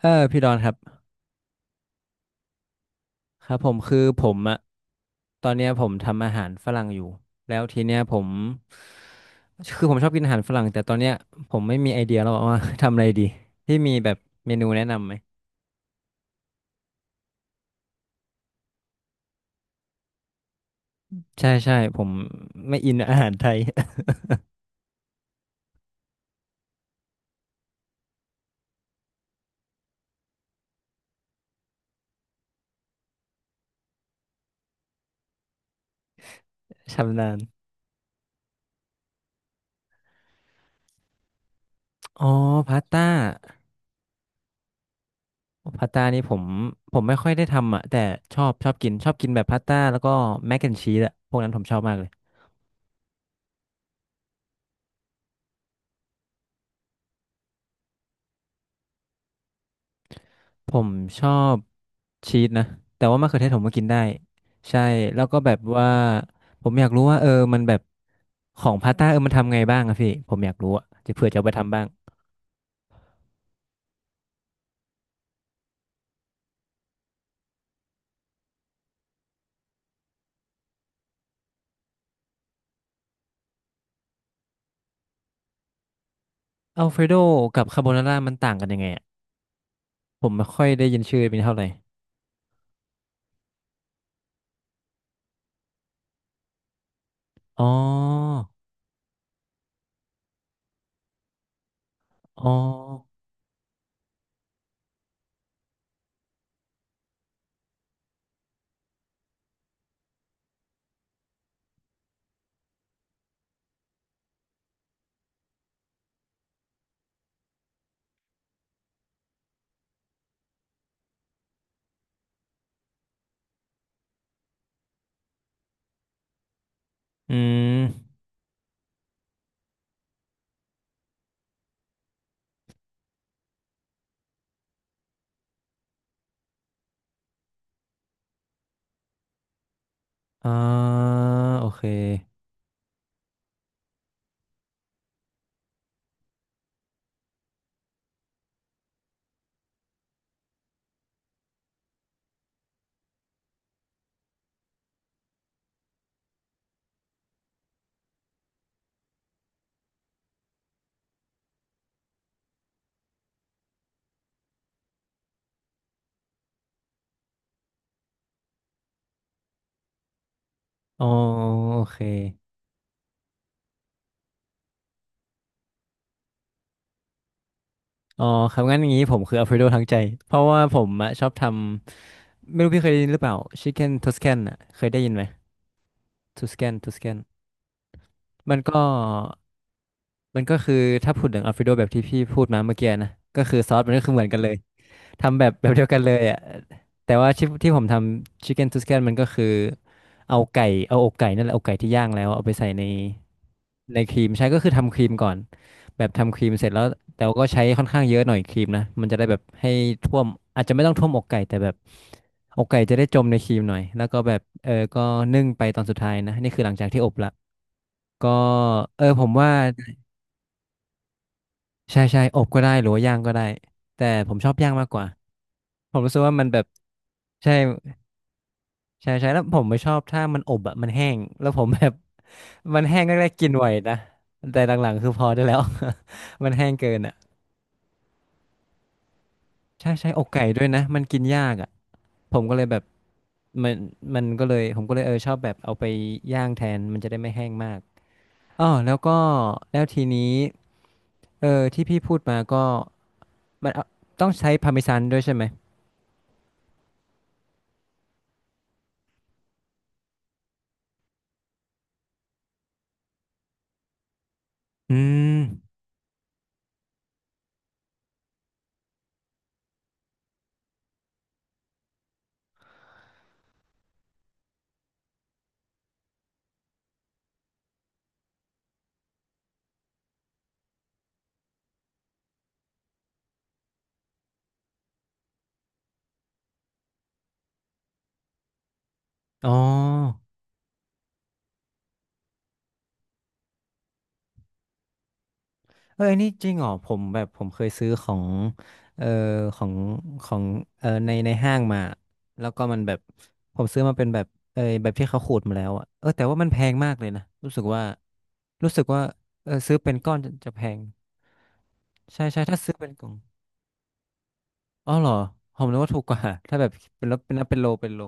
เออพี่ดอนครับครับผมคือผมอะตอนเนี้ยผมทำอาหารฝรั่งอยู่แล้วทีเนี้ยผมผมชอบกินอาหารฝรั่งแต่ตอนเนี้ยผมไม่มีไอเดียแล้วว่า ทำอะไรดีที่มีแบบเมนูแนะนำไหมใช่ผมไม่อินอาหารไทย ชำนาญอ๋อพาสต้าพาสต้านี่ผมไม่ค่อยได้ทำอะแต่ชอบกินแบบพาสต้าแล้วก็แมคแอนชีสอะพวกนั้นผมชอบมากเลย ผมชอบชีสนะแต่ว่ามะเขือเทศผมก็กินได้ใช่แล้วก็แบบว่าผมอยากรู้ว่ามันแบบของพาสต้ามันทำไงบ้างอะพี่ผมอยากรู้อะจะเผื่อจะเอาไปทำบ้างอัลเฟรโดกับคาโบนาร่ามันต่างกันยังไงอะผมไม่ค่อยได้ยินชื่อเป็นเท่าไหร่อ๋ออ๋ออืมอ่าโอเคอ๋อโอเคอ๋อครับงั้นอย่างนี้ผมคืออัลเฟรโดทั้งใจเพราะว่าผมอะชอบทำไม่รู้พี่เคยได้ยินหรือเปล่าชิคเก้นทอสแคนอะเคยได้ยินไหม ทูสแกนทูสแกนมันก็มันก็คือถ้าพูดถึงอัลฟิโดแบบที่พี่พูดมาเมื่อกี้นะก็คือซอสมันก็คือเหมือนกันเลยทำแบบเดียวกันเลยอ่ะแต่ว่าที่ผมทำชิค c ก e นทูสแกนมันก็คือเอาไก่เอาอกไก่นั่นแหละอกไก่ที่ย่างแล้วเอาไปใส่ในครีมใช้ก็คือทำครีมก่อนแบบทำครีมเสร็จแล้วแต่ว่าก็ใช้ค่อนข้างเยอะหน่อยครีมนะมันจะได้แบบให้ท่วมอาจจะไม่ต้องท่วมอกไก่แต่แบบอกไก่จะได้จมในครีมหน่อยแล้วก็แบบก็นึ่งไปตอนสุดท้ายนะนี่คือหลังจากที่อบละ ก็เออผมว่าใช่ใช่อบก็ได้หรือว่าย่างก็ได้แต่ผมชอบย่างมากกว่าผมรู้สึกว่ามันแบบใช่ใช่แล้วผมไม่ชอบถ้ามันอบอะมันแห้งแล้วผมแบบ มันแห้งแรกๆกินไหวนะแต่หลังๆคือพอได้แล้ว มันแห้งเกินอะใช่ใช่อกไก่ด้วยนะมันกินยากอะผมก็เลยแบบมันมันก็เลยผมก็เลยชอบแบบเอาไปย่างแทนมันจะได้ไม่แห้งมากอ๋อแล้วก็แล้วทีนี้เออที่พี่พูดมาก็มันเอาต้องใช้พาร์เมซานด้วยใช่ไหม อืมอ๋อเอออันนี้จริงเหรอผมแบบผมเคยซื้อของเอ่อของของในห้างมาแล้วก็มันแบบ ผมซื้อมาเป็นแบบ เออแบบที่เขาขูดมาแล้วอะเออแต่ว่ามันแพงมากเลยนะ รู้สึกว่า รู้สึกว่าเออซื้อเป็นก้อนจะแพงใช่ใช่ถ้าซื้อเป็นกล่องอ๋อเหรอ ผมนึกว่าถูกกว่าถ้าแบบเป็นรถเป็นนับเป็นโล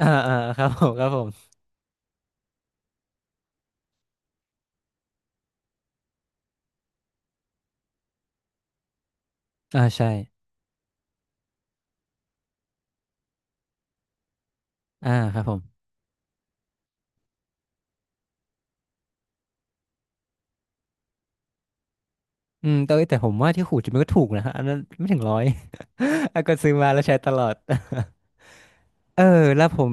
อ่าครับผมอ่าใช่อ่าครับผมอืมแต่เอ้ยแต่ผมว่าที่ขูดจะมันก็ถูกนะอันนั้นไม่ถึงร้อย แล้วก็ซื้อมาแล้วใช้ตลอด เออแล้วผม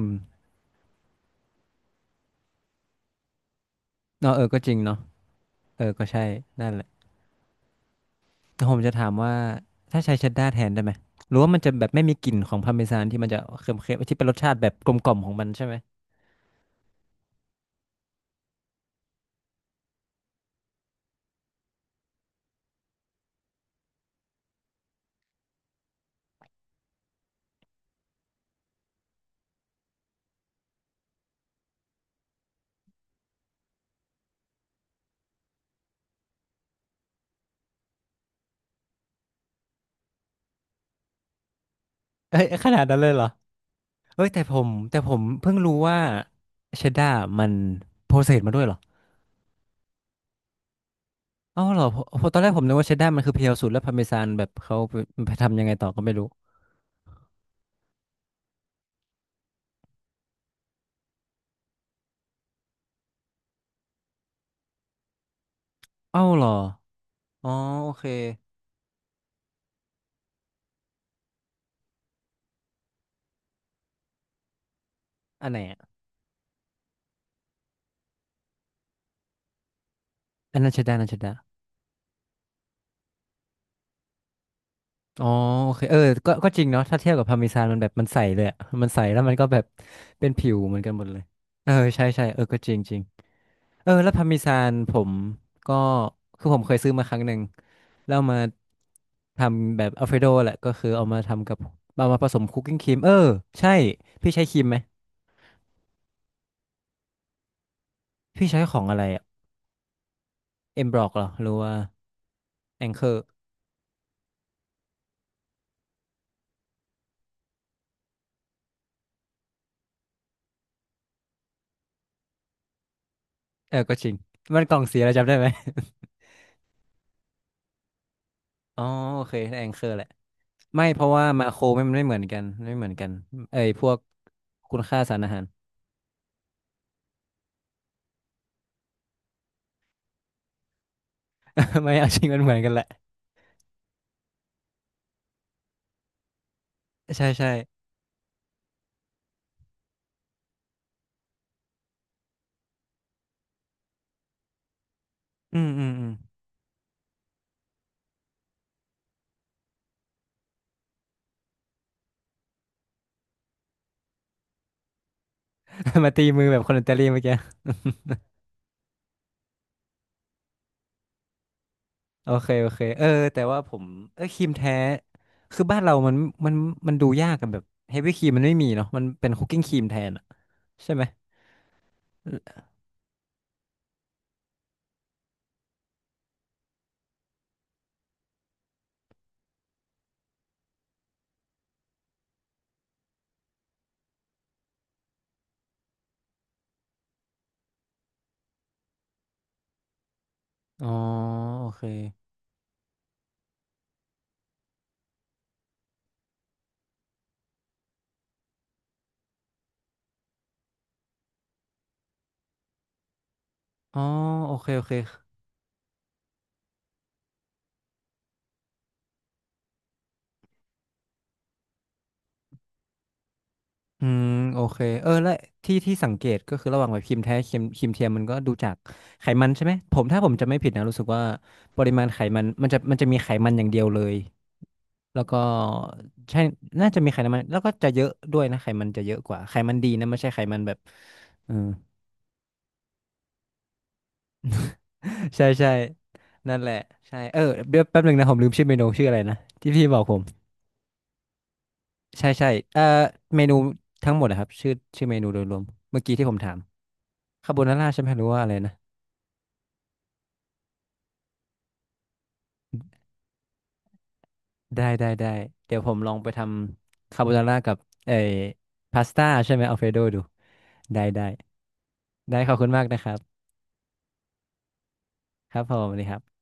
เนาะเออก็จริงเนาะเออก็ใช่นั่นแหละแล้วผมจะถามว่าถ้าใช้เชดดาร์แทนได้ไหมหรือว่ามันจะแบบไม่มีกลิ่นของพาร์เมซานที่มันจะเค็มๆที่เป็นรสชาติแบบกลมกล่อมของมันใช่ไหมเอ้ยขนาดนั้นเลยเหรอเอ้ยแต่ผมเพิ่งรู้ว่าเชดดาร์มันโปรเซสมาด้วยเหรออ้าวเหรอผมตอนแรกผมนึกว่าเชดดาร์มันคือเพียวสุดแล้วพาร์เมซานแบบเขาไปทำยังไงต่อก็ไม่รู้อ้าวเหรออ๋อโอเคอันไหนอะอันนั้นเชดดาร์อันนั้นเชดดา อ๋อโอเคเออ ก็จริงเนาะถ้าเทียบกับพาร์เมซานมันแบบมันใสเลยอะมันใสแล้วมันก็แบบเป็นผิวเหมือนกันหมดเลยเออใช่ใช่เออก็จริงจริงเออแล้วพาร์เมซานผมก็คือผมเคยซื้อมาครั้งหนึ่งแล้วเอามาทำแบบอัลเฟรโดแหละก็คือเอามาทำกับเอามาผสมคุกกิ้งครีมเออใช่พี่ใช้ครีมไหมพี่ใช้ของอะไรอะเอ็มบรอกเหรอหรือว่าแองเกอร์เออก็จริงมันกล่องสีอะไรจำได้ไหม อ๋อโอเคแองเกอร์แหละ ไม่เพราะว่ามาโครไม่มันไม่เหมือนกันไม่เหมือนกันเอ้ยพวกคุณค่าสารอาหาร ไม่เอาจริงมันเหมือนกันแหละใช่ใช่อืม มาตีมือแบบคนอิตาลีเมื่อกี้โอเคโอเคเออแต่ว่าผมเออครีมแท้คือบ้านเรามันมันดูยากกันแบบเฮฟวี่ครีมมันไม่มีเนาะมันเป็นคุกกิ้งครีมแทนอะใช่ไหมอ๋อโอเคอ๋อโอเคโอเค อืมโอเคเออและที่สังเกตก็คือระหว่างแบบครีมแท้ครีมครีมเทียมมันก็ดูจากไขมันใช่ไหมผมถ้าผมจะไม่ผิดนะรู้สึกว่าปริมาณไขมันมันจะมีไขมันอย่างเดียวเลยแล้วก็ใช่น่าจะมีไขมันแล้วก็จะเยอะด้วยนะไขมันจะเยอะกว่าไขมันดีนะไม่ใช่ไขมันแบบเออใช่ใช่นั่นแหละใช่เออเดี๋ยวแป๊บหนึ่งนะผมลืมชื่อเมนูชื่ออะไรนะที่พี่บอกผมใช่ใช่เอ่อเมนูทั้งหมดนะครับชื่อเมนูโดยรวมเมื่อกี้ที่ผมถามคาโบนาร่าใช่ไหมหรือว่าอะไรนะ ได้เดี๋ยวผมลองไปทำคาโบนาร่ากับเอ่อพาสต้าใช่ไหมอัลเฟรโดดูได้ได้ขอบคุณมากนะครับครับผมสวัสดีครับ